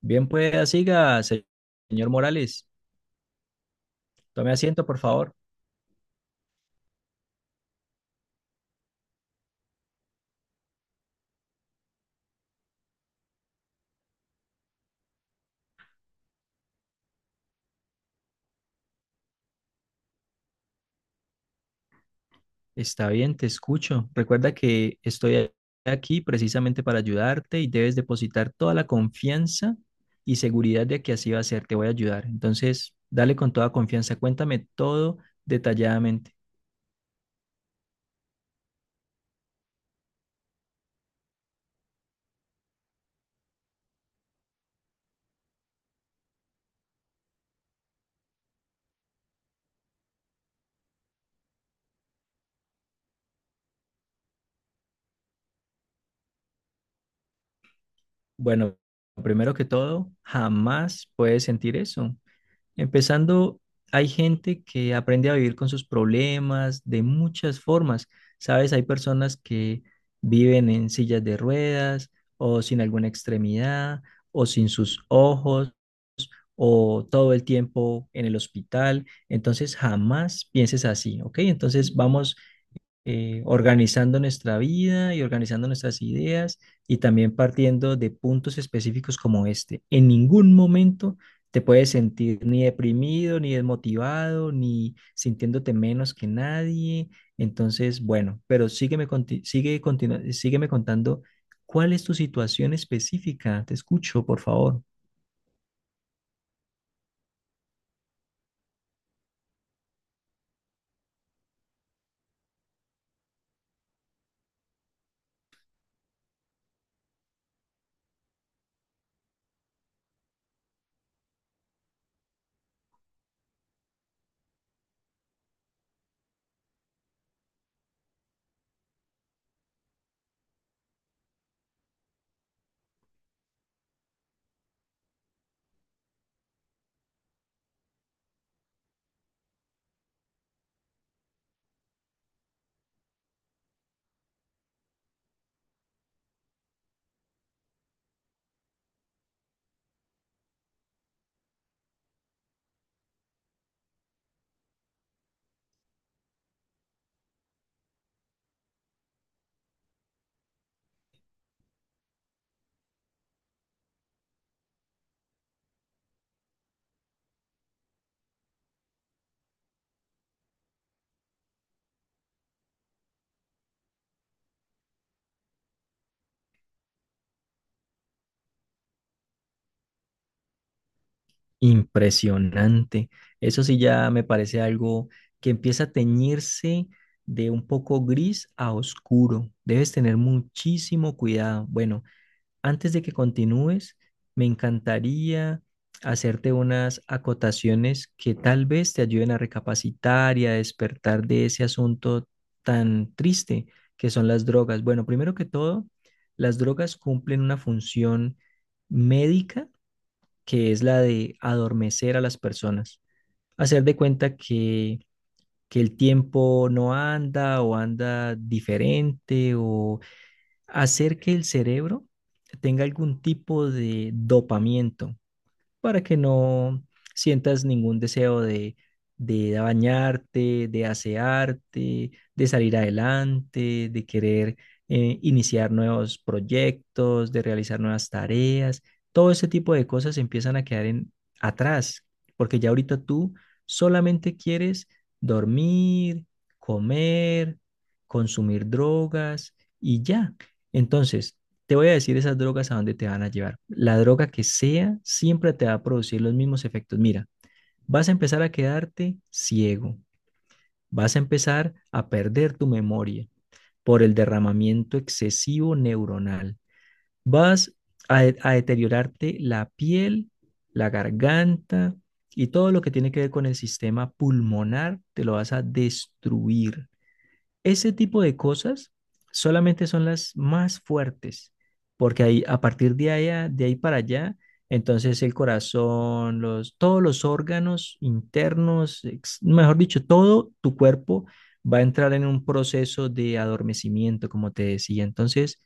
Bien, pues siga, señor Morales. Tome asiento, por favor. Está bien, te escucho. Recuerda que aquí precisamente para ayudarte y debes depositar toda la confianza y seguridad de que así va a ser. Te voy a ayudar. Entonces, dale con toda confianza. Cuéntame todo detalladamente. Bueno, primero que todo, jamás puedes sentir eso. Empezando, hay gente que aprende a vivir con sus problemas de muchas formas. Sabes, hay personas que viven en sillas de ruedas o sin alguna extremidad o sin sus ojos o todo el tiempo en el hospital. Entonces, jamás pienses así, ¿ok? Entonces, vamos organizando nuestra vida y organizando nuestras ideas y también partiendo de puntos específicos como este. En ningún momento te puedes sentir ni deprimido, ni desmotivado, ni sintiéndote menos que nadie. Entonces, bueno, pero sígueme, sígueme contando cuál es tu situación específica. Te escucho, por favor. Impresionante. Eso sí ya me parece algo que empieza a teñirse de un poco gris a oscuro. Debes tener muchísimo cuidado. Bueno, antes de que continúes, me encantaría hacerte unas acotaciones que tal vez te ayuden a recapacitar y a despertar de ese asunto tan triste que son las drogas. Bueno, primero que todo, las drogas cumplen una función médica que es la de adormecer a las personas, hacer de cuenta que el tiempo no anda o anda diferente o hacer que el cerebro tenga algún tipo de dopamiento para que no sientas ningún deseo de bañarte, de asearte, de salir adelante, de querer iniciar nuevos proyectos, de realizar nuevas tareas. Todo ese tipo de cosas empiezan a quedar atrás, porque ya ahorita tú solamente quieres dormir, comer, consumir drogas y ya. Entonces, te voy a decir esas drogas a dónde te van a llevar. La droga que sea siempre te va a producir los mismos efectos. Mira, vas a empezar a quedarte ciego, vas a empezar a perder tu memoria por el derramamiento excesivo neuronal, vas a, de- a deteriorarte la piel, la garganta y todo lo que tiene que ver con el sistema pulmonar, te lo vas a destruir. Ese tipo de cosas solamente son las más fuertes, porque ahí, a partir de ahí para allá, entonces el corazón, todos los órganos internos, mejor dicho, todo tu cuerpo va a entrar en un proceso de adormecimiento, como te decía. Entonces,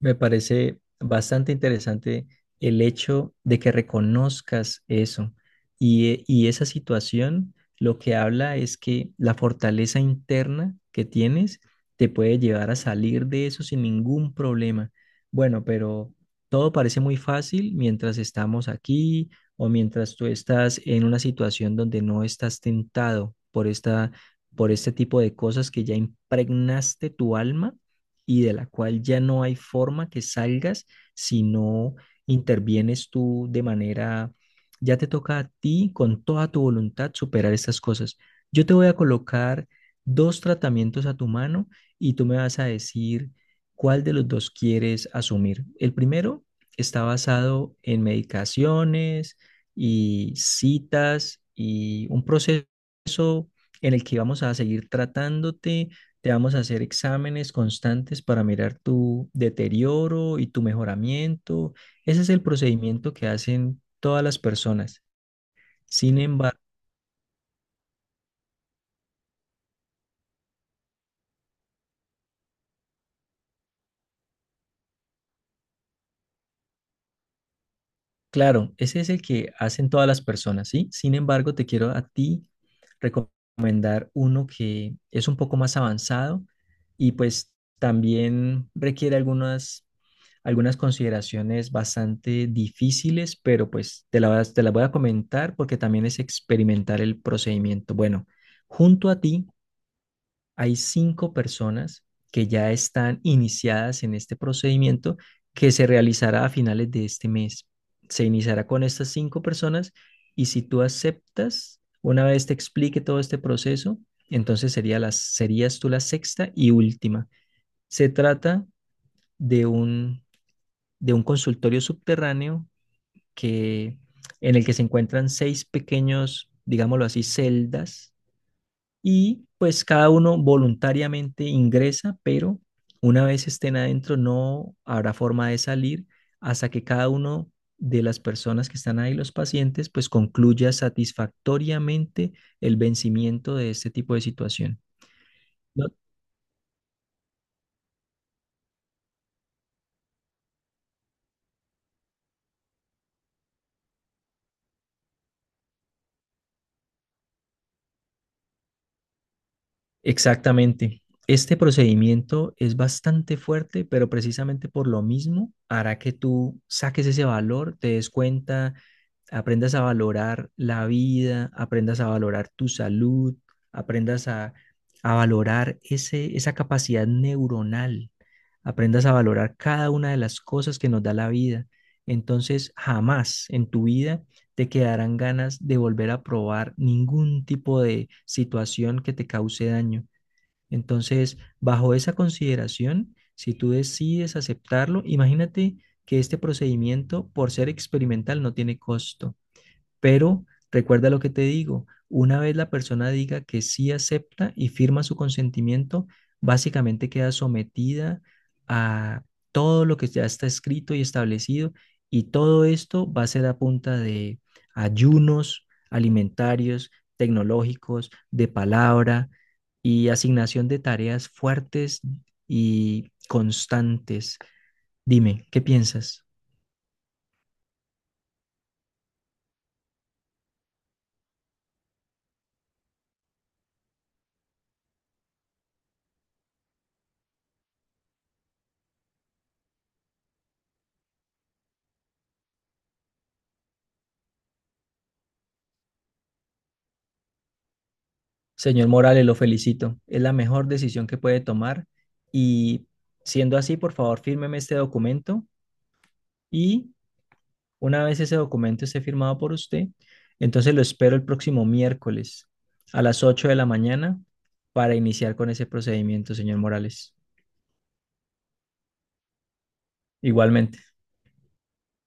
me parece bastante interesante el hecho de que reconozcas eso. Y esa situación lo que habla es que la fortaleza interna que tienes te puede llevar a salir de eso sin ningún problema. Bueno, pero todo parece muy fácil mientras estamos aquí o mientras tú estás en una situación donde no estás tentado por por este tipo de cosas que ya impregnaste tu alma y de la cual ya no hay forma que salgas si no intervienes tú ya te toca a ti con toda tu voluntad superar estas cosas. Yo te voy a colocar dos tratamientos a tu mano y tú me vas a decir cuál de los dos quieres asumir. El primero está basado en medicaciones y citas y un proceso en el que vamos a seguir tratándote te vamos a hacer exámenes constantes para mirar tu deterioro y tu mejoramiento. Ese es el procedimiento que hacen todas las personas. Sin embargo, claro, ese es el que hacen todas las personas, ¿sí? Sin embargo, te quiero a ti recomendar uno que es un poco más avanzado y pues también requiere algunas algunas consideraciones bastante difíciles, pero pues te las voy a comentar porque también es experimentar el procedimiento. Bueno, junto a ti hay 5 personas que ya están iniciadas en este procedimiento que se realizará a finales de este mes. Se iniciará con estas 5 personas y si tú aceptas, una vez te explique todo este proceso, entonces serías tú la sexta y última. Se trata de un de un consultorio subterráneo que, en el que se encuentran 6 pequeños, digámoslo así, celdas y pues cada uno voluntariamente ingresa, pero una vez estén adentro no habrá forma de salir hasta que cada uno de las personas que están ahí, los pacientes, pues concluya satisfactoriamente el vencimiento de este tipo de situación. No. Exactamente. Este procedimiento es bastante fuerte, pero precisamente por lo mismo hará que tú saques ese valor, te des cuenta, aprendas a valorar la vida, aprendas a valorar tu salud, aprendas a, a valorar esa capacidad neuronal, aprendas a valorar cada una de las cosas que nos da la vida. Entonces, jamás en tu vida te quedarán ganas de volver a probar ningún tipo de situación que te cause daño. Entonces, bajo esa consideración, si tú decides aceptarlo, imagínate que este procedimiento, por ser experimental, no tiene costo. Pero recuerda lo que te digo, una vez la persona diga que sí acepta y firma su consentimiento, básicamente queda sometida a todo lo que ya está escrito y establecido y todo esto va a ser a punta de ayunos alimentarios, tecnológicos, de palabra y asignación de tareas fuertes y constantes. Dime, ¿qué piensas? Señor Morales, lo felicito. Es la mejor decisión que puede tomar y siendo así, por favor, fírmeme este documento y una vez ese documento esté firmado por usted, entonces lo espero el próximo miércoles a las 8 de la mañana para iniciar con ese procedimiento, señor Morales. Igualmente.